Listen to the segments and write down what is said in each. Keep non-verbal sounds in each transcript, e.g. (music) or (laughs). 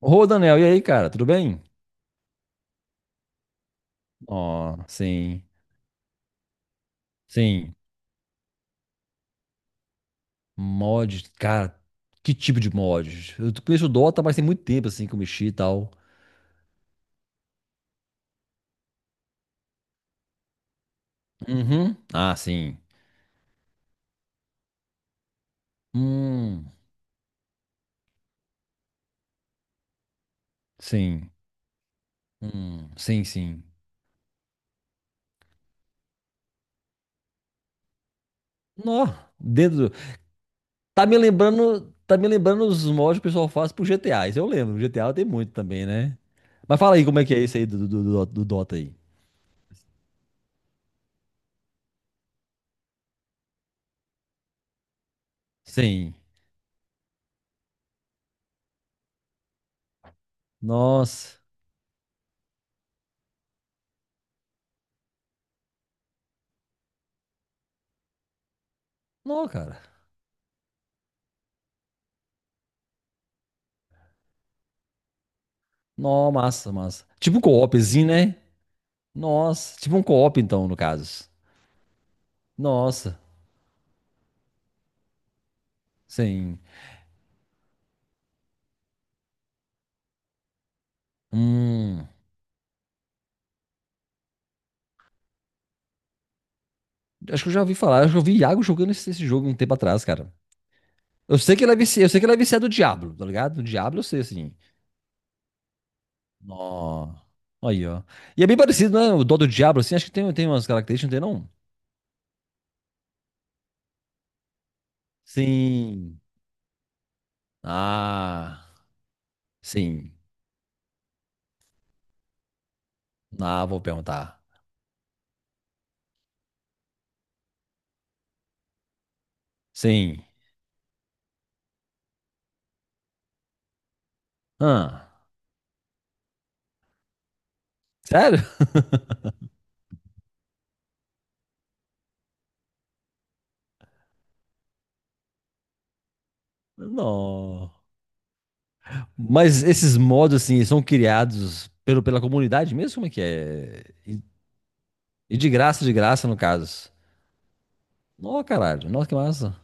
Ô, Daniel, e aí, cara, tudo bem? Ó, sim, sim. Mod, cara, que tipo de mod? Eu conheço o Dota, mas tem muito tempo, assim, que eu mexi e tal. Uhum. Ah, sim. Hum, sim. Sim, sim. Nó, dentro do... Tá me lembrando os mods que o pessoal faz pro GTA, isso eu lembro. GTA tem muito também, né? Mas fala aí como é que é isso aí do Dota aí. Sim. Nossa. Nó, cara. Nó, massa, massa. Tipo um co-opzinho, né? Nossa, tipo um co-op então, no caso. Nossa, sim. Hum, acho que eu já ouvi falar, acho que eu vi Iago jogando esse jogo um tempo atrás, cara. Eu sei que ele é viciado, eu sei que ele é viciado do Diablo, tá ligado? Do Diablo eu sei, assim. Nó. Aí, ó. E é bem parecido, né? O dó do Diablo, assim, acho que tem umas características, não tem não? Sim. Ah, sim. Ah, vou perguntar. Sim. Ah, sério? Não. Mas esses mods, assim, são criados pelo, pela comunidade mesmo? Como é que é? E de graça, no caso. Nó, caralho. Nossa, que massa.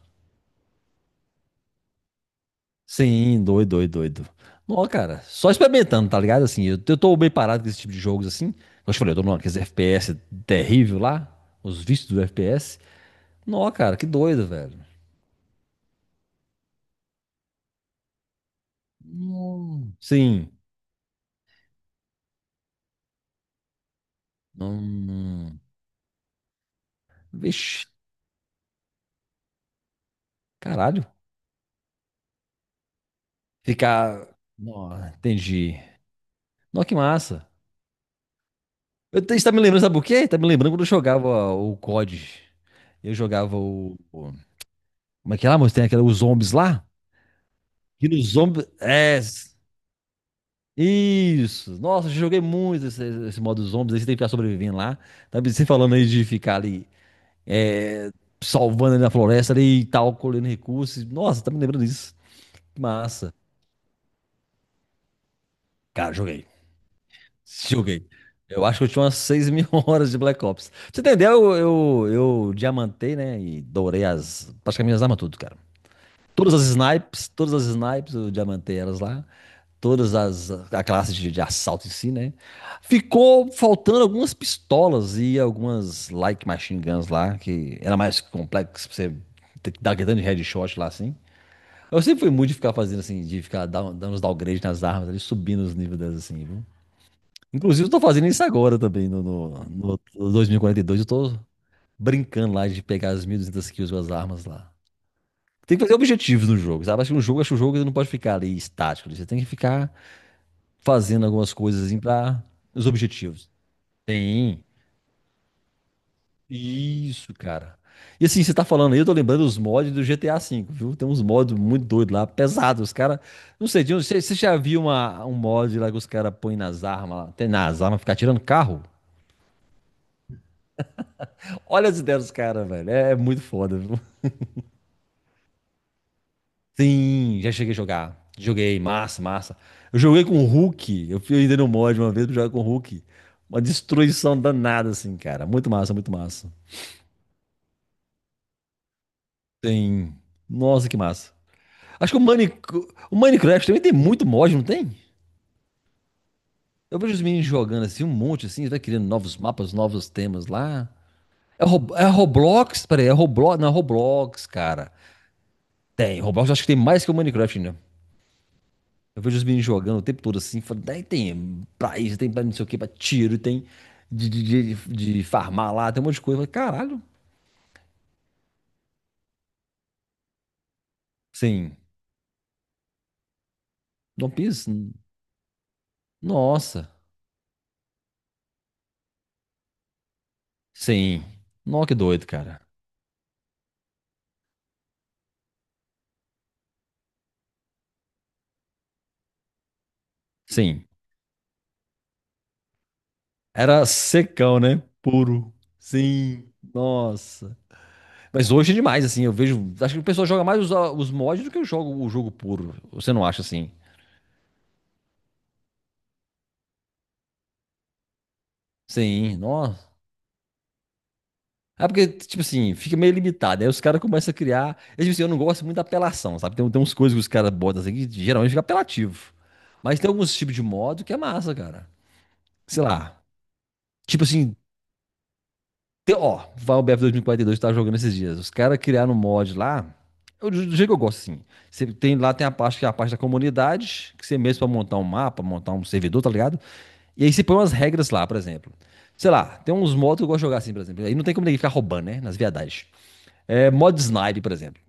Sim, doido, doido, doido. Nó, cara. Só experimentando, tá ligado? Assim, eu tô bem parado com esse tipo de jogos, assim. Eu te falei, eu tô naqueles FPS terrível lá. Os vícios do FPS. Nó, cara, que doido, velho. Sim. Hum, vixe, caralho. Ficar... Nó, entendi. Nó, que massa. Isso tá me lembrando, sabe por quê? Tá me lembrando quando eu jogava o COD. Eu jogava o. Como é que é lá, moço? Tem aquela, os zombies lá? E nos zombies. É. Isso. Nossa, eu joguei muito esse modo zombies. Aí você tem que ficar sobrevivendo lá. Tá você falando aí de ficar ali. É, salvando ali na floresta ali e tal, colhendo recursos. Nossa, tá me lembrando disso. Que massa. Cara, joguei. Joguei. Eu acho que eu tinha umas 6.000 (laughs) horas de Black Ops. Pra você entendeu? Eu, eu diamantei, né? E dourei as. Praticamente as armas tudo, cara. Todas as snipes, eu diamantei elas lá. Todas as. A classe de assalto em si, né? Ficou faltando algumas pistolas e algumas like machine guns lá, que era mais complexo pra você ter que dar aquele tanto de headshot lá assim. Eu sempre fui muito de ficar fazendo assim, de ficar dando uns downgrades nas armas ali, subindo os níveis delas assim, viu? Inclusive, eu tô fazendo isso agora também, no 2042. Eu tô brincando lá de pegar as 1.200 kills com as armas lá. Tem que fazer objetivos no jogo, sabe? Acho que no jogo, acho que o jogo ele não pode ficar ali estático. Você tem que ficar fazendo algumas coisas assim pra os objetivos. Tem. Isso, cara. E assim, você tá falando aí, eu tô lembrando os mods do GTA V, viu? Tem uns mods muito doidos lá, pesados. Os caras. Não sei, Dinho, você já viu uma, um mod lá que os caras põem nas armas lá? Tem nas armas, ficar tirando carro? Olha as ideias dos caras, velho. É muito foda, viu? Sim, já cheguei a jogar. Joguei, massa, massa. Eu joguei com o Hulk. Eu fui ainda no mod uma vez pra jogar com o Hulk. Uma destruição danada, assim, cara. Muito massa, muito massa. Sim. Nossa, que massa. Acho que o Minecraft também tem muito mod, não tem? Eu vejo os meninos jogando assim, um monte assim, vai criando novos mapas, novos temas lá. É, é Roblox? Peraí, é Roblox? Não, é Roblox, cara. Tem, Roblox acho que tem mais que o Minecraft, né? Eu vejo os meninos jogando o tempo todo assim, falo, daí tem pra isso, tem pra não sei o que, pra tiro, tem de farmar lá, tem um monte de coisa. Eu falo, caralho, sim. One Piece? Nossa, sim. Nossa, que doido, cara. Sim. Era secão, né? Puro. Sim. Nossa. Mas hoje é demais, assim, eu vejo. Acho que o pessoal joga mais os mods do que eu jogo o jogo puro. Você não acha assim? Sim, nossa. É porque, tipo assim, fica meio limitado. Aí os caras começam a criar. Eu, tipo assim, eu não gosto muito da apelação, sabe? Tem uns coisas que os caras botam assim que geralmente fica apelativo. Mas tem alguns tipos de modo que é massa, cara. Sei lá. Tipo assim, tem, ó, vai o BF 2042 que tava jogando esses dias. Os caras criaram um mod lá. Eu, do jeito que eu gosto, assim. Você tem, lá tem a parte que é a parte da comunidade, que você mesmo pra montar um mapa, montar um servidor, tá ligado? E aí você põe umas regras lá, por exemplo. Sei lá, tem uns modos que eu gosto de jogar assim, por exemplo. Aí não tem como ninguém ficar roubando, né? Nas viadagens. É, modo snipe, por exemplo.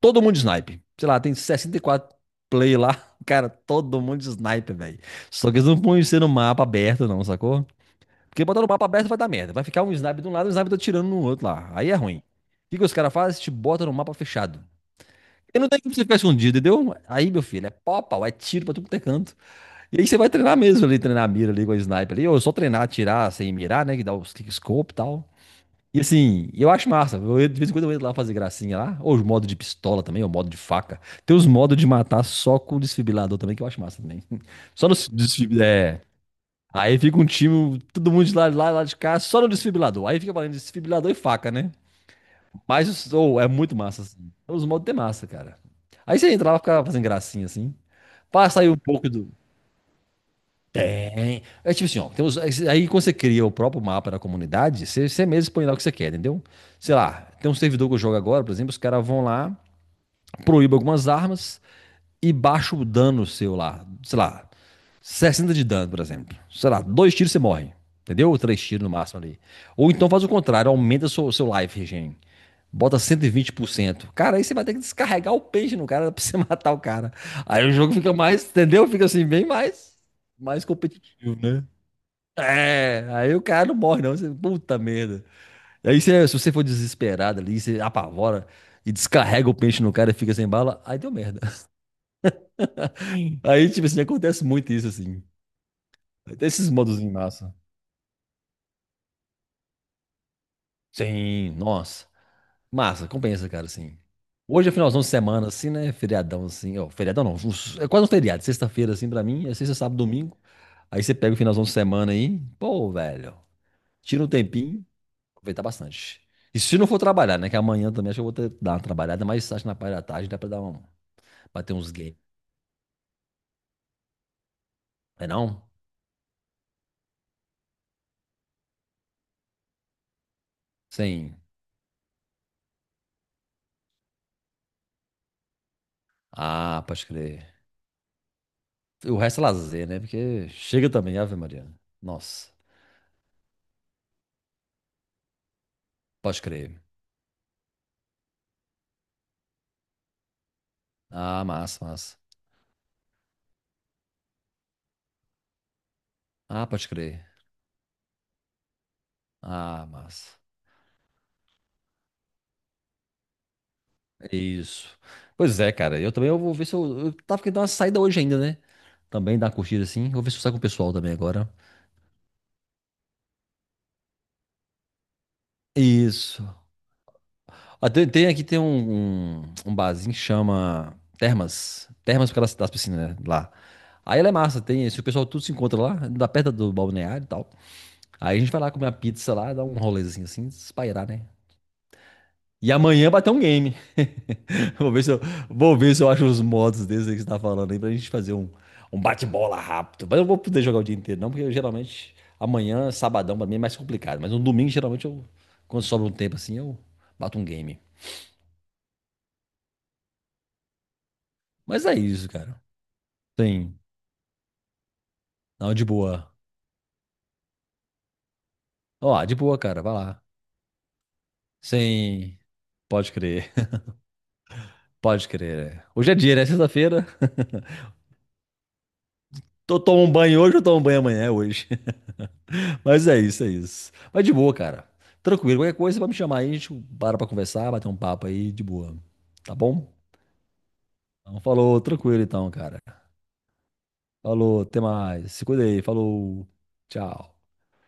Todo mundo snipe. Sei lá, tem 64 play lá. (laughs) Cara, todo mundo snipe, velho. Só que eles não põem você no mapa aberto, não, sacou? Porque botar no mapa aberto vai dar merda. Vai ficar um snipe de um lado e um snipe atirando no outro lá. Aí é ruim. O que que os caras fazem? Te botam no mapa fechado. E não tem como você ficar escondido, entendeu? Aí, meu filho, é pau, a pau, é tiro pra tudo que é canto. E aí você vai treinar mesmo ali, treinar a mira ali com a sniper ali. Ou só treinar, atirar sem mirar, né? Que dá os kickscope e tal. E assim, eu acho massa. Eu, de vez em quando eu entro lá fazer gracinha lá. Ou os modos de pistola também, ou modo de faca. Tem os modos de matar só com desfibrilador também, que eu acho massa também. (laughs) Só no desfibrilador. É. Aí fica um time, todo mundo de lá, lá de cá, só no desfibrilador. Aí fica valendo desfibrilador e faca, né? Mas ou é muito massa, assim. Os modos de massa, cara. Aí você entra lá, fica fazendo gracinha, assim. Pra sair um pouco do. É tipo assim, ó, tem aí quando você cria o próprio mapa da comunidade, você mesmo expõe lá o que você quer, entendeu? Sei lá, tem um servidor que eu jogo agora, por exemplo, os caras vão lá, proíbem algumas armas e baixa o dano seu lá, sei lá, 60 de dano, por exemplo. Sei lá, dois tiros você morre, entendeu? Ou três tiros no máximo ali. Ou então faz o contrário, aumenta o seu life regen. Bota 120%. Cara, aí você vai ter que descarregar o peixe no cara (laughs) pra você matar o cara. Aí o jogo fica mais, entendeu? Fica assim, bem mais competitivo, né? É, aí o cara não morre, não. Você, puta merda. Aí se você for desesperado ali, você apavora e descarrega o peixe no cara e fica sem bala, aí deu merda. (laughs) Aí, tipo assim, acontece muito isso, assim. Tem esses modos em massa. Sim, nossa. Massa, compensa, cara, assim. Hoje é finalzão de semana, assim, né? Feriadão, assim. Ó, feriadão não, é quase um feriado. Sexta-feira, assim, pra mim. É sexta, sábado, domingo. Aí você pega o finalzão de semana aí. Pô, velho. Tira um tempinho. Aproveitar bastante. E se não for trabalhar, né? Que amanhã também acho que eu vou ter, dar uma trabalhada, mas acho que na parte da tarde dá pra dar um, bater uns games. É não? Sim. Ah, pode crer. O resto é lazer, né? Porque chega também, Ave Maria. Nossa, pode crer. Ah, massa, massa. Ah, pode crer. Ah, massa. Isso. Pois é, cara. Eu também eu vou ver se eu. Eu tava querendo dar uma saída hoje ainda, né? Também dar uma curtida assim. Vou ver se eu saio com o pessoal também agora. Isso. Ah, tem, aqui tem um barzinho que chama Termas. Termas por causa das piscinas, né? Lá. Aí ela é massa, tem. Se o pessoal tudo se encontra lá, da perto do balneário e tal. Aí a gente vai lá comer uma pizza lá, dar um rolezinho assim, espairar, né? E amanhã bater um game. (laughs) Vou ver se eu, vou ver se eu acho os modos desses aí que você tá falando aí pra gente fazer um, um bate-bola rápido. Mas eu não vou poder jogar o dia inteiro, não, porque eu, geralmente amanhã, sabadão, pra mim é mais complicado. Mas no domingo, geralmente, eu, quando sobra um tempo assim, eu bato um game. Mas é isso, cara. Tem. Não, de boa. Ó, de boa, cara, vai lá. Sem. Pode crer, (laughs) pode crer. É. Hoje é dia, né? Sexta-feira. Tô Tomo um banho hoje, eu tomo um banho amanhã, é hoje. (laughs) Mas é isso, é isso. Mas de boa, cara. Tranquilo, qualquer coisa, você vai me chamar aí, a gente para pra conversar, bater um papo aí, de boa. Tá bom? Então, falou, tranquilo então, cara. Falou, até mais. Se cuida aí, falou. Tchau.